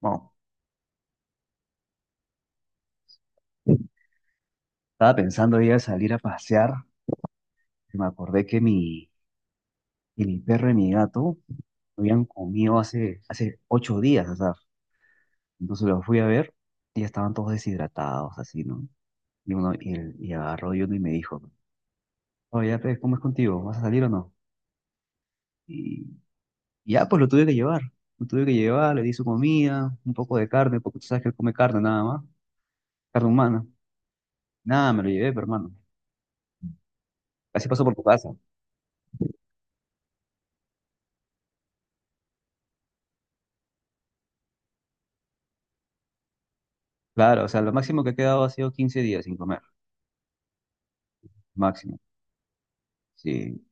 Bueno, estaba pensando ya salir a pasear. Y me acordé que mi perro y mi gato habían comido hace 8 días, o sea, entonces los fui a ver y ya estaban todos deshidratados, así, ¿no? Y uno, y agarró y uno y me dijo, oye, pues, ¿cómo es contigo? ¿Vas a salir o no? Y, y ya, pues lo tuve que llevar. Lo tuve que llevar, le di su comida, un poco de carne, porque tú sabes que él come carne nada más, carne humana. Nada, me lo llevé, pero hermano. Así pasó por tu casa. Claro, o sea, lo máximo que he quedado ha sido 15 días sin comer. Máximo. Sí.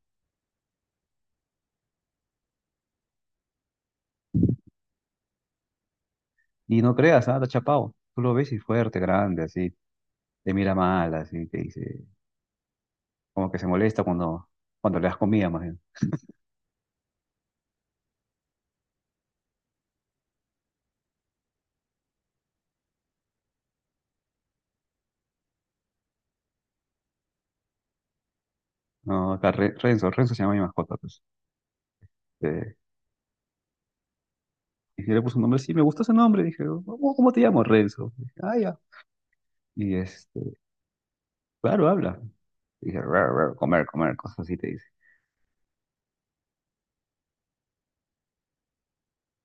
Y no creas, nada, chapado. Tú lo ves y fuerte, grande, así. Te mira mal, así. Te dice. Como que se molesta cuando le das comida, más bien. No, acá Renzo. Renzo se llama mi mascota, pues. Eh, y yo le puse un nombre, sí, me gustó ese nombre. Dije, "Oh, ¿cómo te llamo, Renzo?". Dije, ah, ya. Y este, claro, habla. Dice, "Rar, rar, comer, comer", cosas así te dice.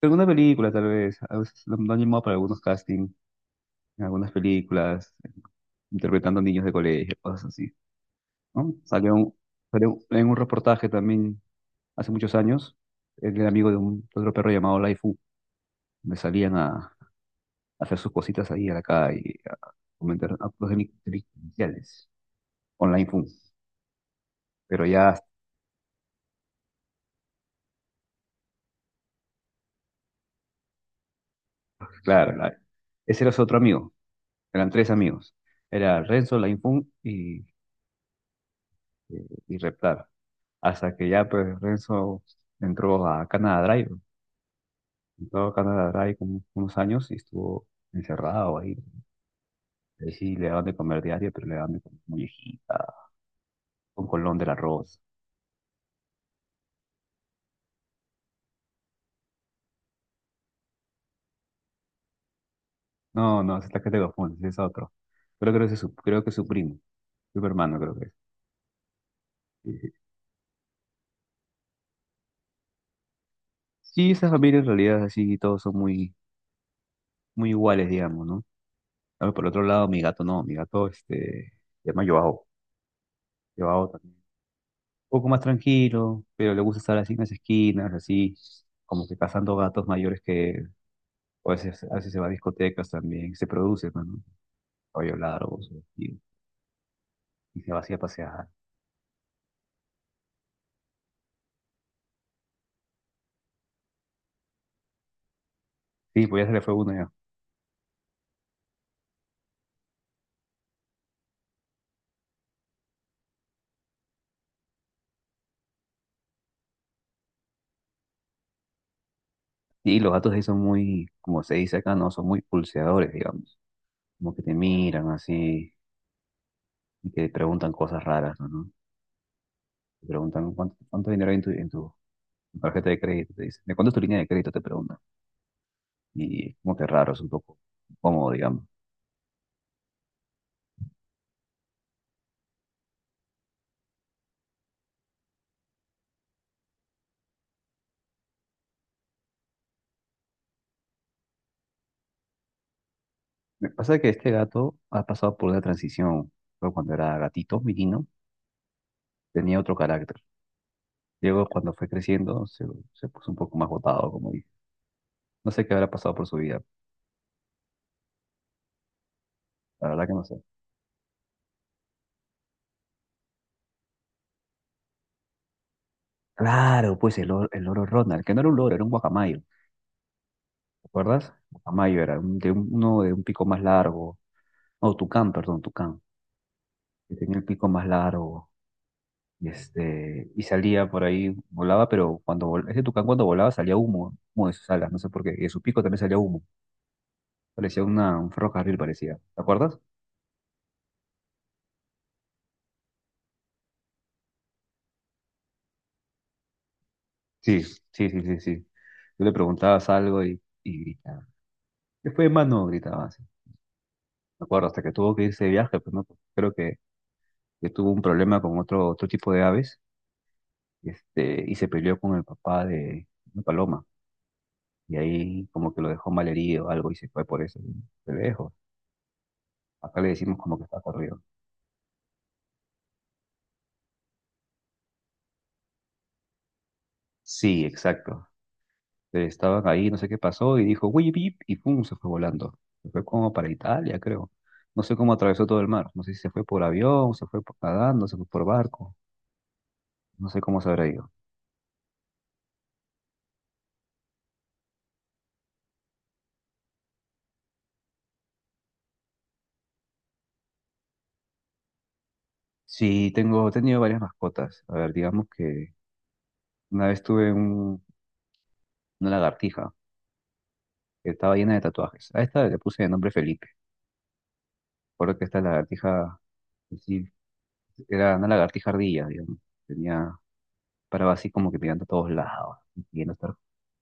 Alguna película, tal vez. A veces lo han llamado para algunos castings, en algunas películas, interpretando niños de colegio, cosas así, ¿no? Salió en un reportaje también hace muchos años, el amigo de, un, de otro perro llamado Laifu, me salían a, hacer sus cositas ahí a la calle, a cometer actos delincuenciales con Laifu. Pero ya, claro, ese era su otro amigo, eran tres amigos, era Renzo, Laifu y Reptar, hasta que ya pues Renzo entró a Canada Drive, entró a Canada Drive como unos años y estuvo encerrado ahí. Ahí sí le daban de comer diario, pero le daban de comer muñequita, con colón del arroz. No, no, esa es la que te confundes, ese es otro. Pero creo que es su, creo que es su primo, su hermano creo que es. Sí, sí. Sí, esa familia en realidad es así, todos son muy, muy iguales, digamos, ¿no? Ahora, por otro lado, mi gato no, mi gato este, se llama Joao. Joao también. Un poco más tranquilo, pero le gusta estar así en las esquinas, así, como que cazando gatos mayores que él. O a veces se va a discotecas también, se produce, pues, ¿no? Cabello largo, y, y se va así a pasear. Sí, pues ya se le fue uno ya. Y los gatos ahí son muy, como se dice acá, no, son muy pulseadores, digamos. Como que te miran así y que te preguntan cosas raras, ¿no? ¿No? Te preguntan cuánto dinero hay en tu tarjeta de crédito, te dicen. ¿De cuánto es tu línea de crédito? Te preguntan. Y es como que raro, es un poco incómodo, digamos. Me pasa que este gato ha pasado por una transición. Pero cuando era gatito, menino, tenía otro carácter. Luego, cuando fue creciendo, se puso un poco más botado, como dije. No sé qué habrá pasado por su vida. La verdad que no sé. Claro, pues el, el loro Ronald, que no era un loro, era un guacamayo, ¿te acuerdas? Guacamayo era un- de un- uno de un pico más largo, no, tucán, perdón, tucán, que tenía el pico más largo, y este, y salía por ahí, volaba, pero ese tucán cuando volaba salía humo, humo de sus alas, no sé por qué, y de su pico también salía humo, parecía una, un ferrocarril, parecía, ¿te acuerdas? Sí, sí, sí, sí, sí. Tú le preguntabas algo y gritaba, "¿qué fue, mano?". Gritaba así, me acuerdo, hasta que tuvo que irse de viaje, pues no, creo que tuvo un problema con otro, otro tipo de aves, este, y se peleó con el papá de una paloma, y ahí como que lo dejó malherido o algo y se fue por eso, se lejos. Acá le decimos como que está corrido. Sí, exacto. Estaban ahí, no sé qué pasó, y dijo, "uy, pip", y pum, se fue volando. Se fue como para Italia, creo. No sé cómo atravesó todo el mar. No sé si se fue por avión, se fue nadando, se fue por barco. No sé cómo se habrá ido. Sí, tengo, he tenido varias mascotas. A ver, digamos que una vez tuve una lagartija. Que estaba llena de tatuajes. A esta le puse de nombre Felipe. Recuerdo que esta lagartija, sí, era una lagartija ardilla, digamos. Tenía, paraba así como que mirando a todos lados, queriendo estar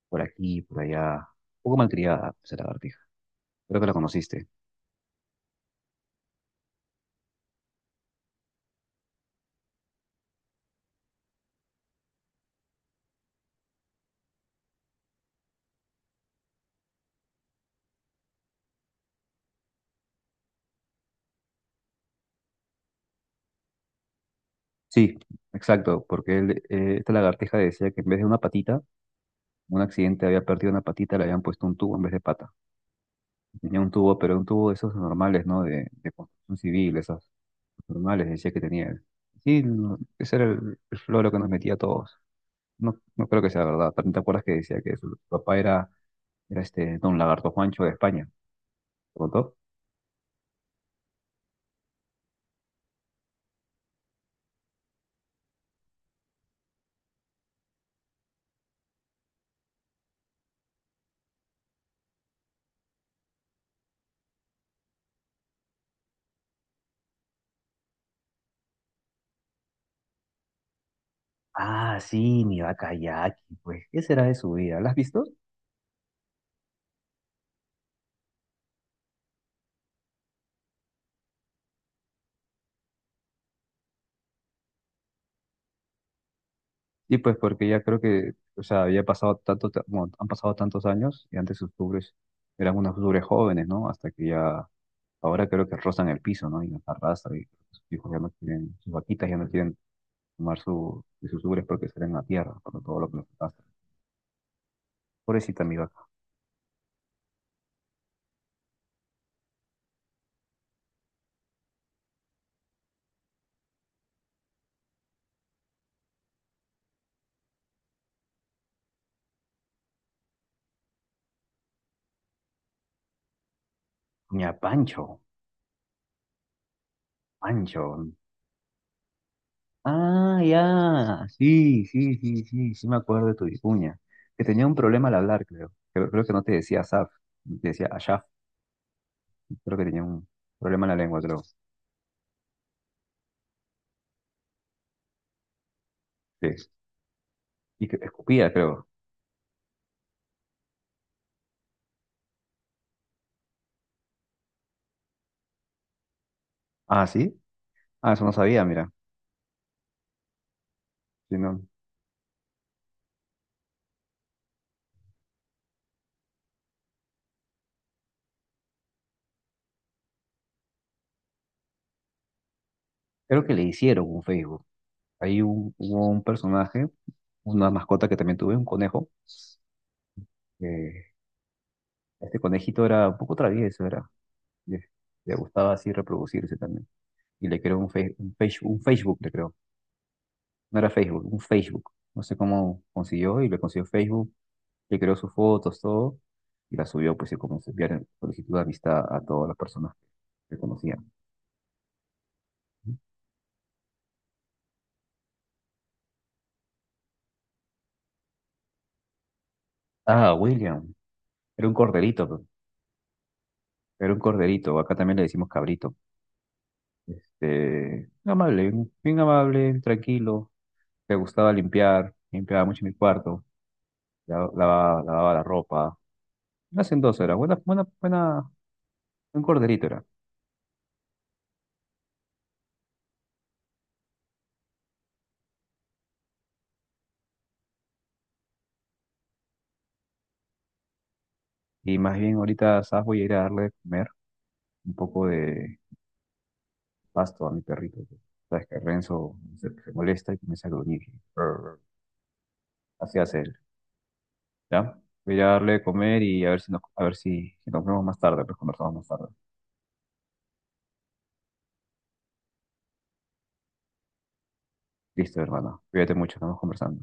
por aquí, por allá. Un poco malcriada esa lagartija. Creo que la conociste. Sí, exacto, porque él, esta lagartija decía que en vez de una patita, en un accidente había perdido una patita, le habían puesto un tubo en vez de pata. Tenía un tubo, pero un tubo de esos normales, ¿no? De construcción civil, esas normales, decía que tenía él. Sí, no, ese era el, floro que nos metía a todos. No, no creo que sea verdad. ¿También te acuerdas que decía que su papá era este Don Lagarto Juancho de España? ¿Te contó? Ah, sí, mi vaca Jackie, pues, ¿qué será de su vida? ¿La has visto? Sí, pues porque ya creo que, o sea, había pasado tanto, bueno, han pasado tantos años y antes sus pobres eran unos pobres jóvenes, ¿no? Hasta que ya, ahora creo que rozan el piso, ¿no? Y nos arrastran y sus hijos ya no quieren, sus vaquitas ya no quieren tomar su, de sus ubres porque serán en la tierra, por todo lo que nos pasa. Pobrecita mi vaca. Ña, Pancho, Pancho. Ah, ya, sí, sí, sí, sí, sí me acuerdo de tu vicuña, que tenía un problema al hablar, creo. Creo que no te decía Asaf, te decía Ashaf, creo que tenía un problema en la lengua, creo. Sí. Y que escupía, creo. Ah, sí, ah, eso no sabía, mira. Sí, no. Creo que le hicieron un Facebook. Ahí hubo un personaje, una mascota que también tuve, un conejo, que este conejito era un poco travieso, era. Le, le gustaba así reproducirse también. Y le creó un Facebook, le creó. No era Facebook, un Facebook. No sé cómo consiguió y le consiguió Facebook. Le creó sus fotos, todo. Y la subió, pues, y comenzó a enviar solicitud de amistad a todas las personas que conocían. Ah, William. Era un corderito, pe. Era un corderito. Acá también le decimos cabrito. Amable, bien amable, tranquilo. Le gustaba limpiar, limpiaba mucho mi cuarto. Lavaba la ropa. Unas en 2 horas, buena, buena, buena, buen corderito era. Y más bien ahorita, ¿sabes? Voy a ir a darle de comer un poco de pasto a mi perrito. Que Sabes que Renzo se molesta y comienza a gruñir. Brr. Así hace él, ¿ya? Voy a ir a darle de comer y a ver si nos, a ver si nos vemos más tarde, pues conversamos más tarde. Listo, hermana. Cuídate mucho, estamos conversando.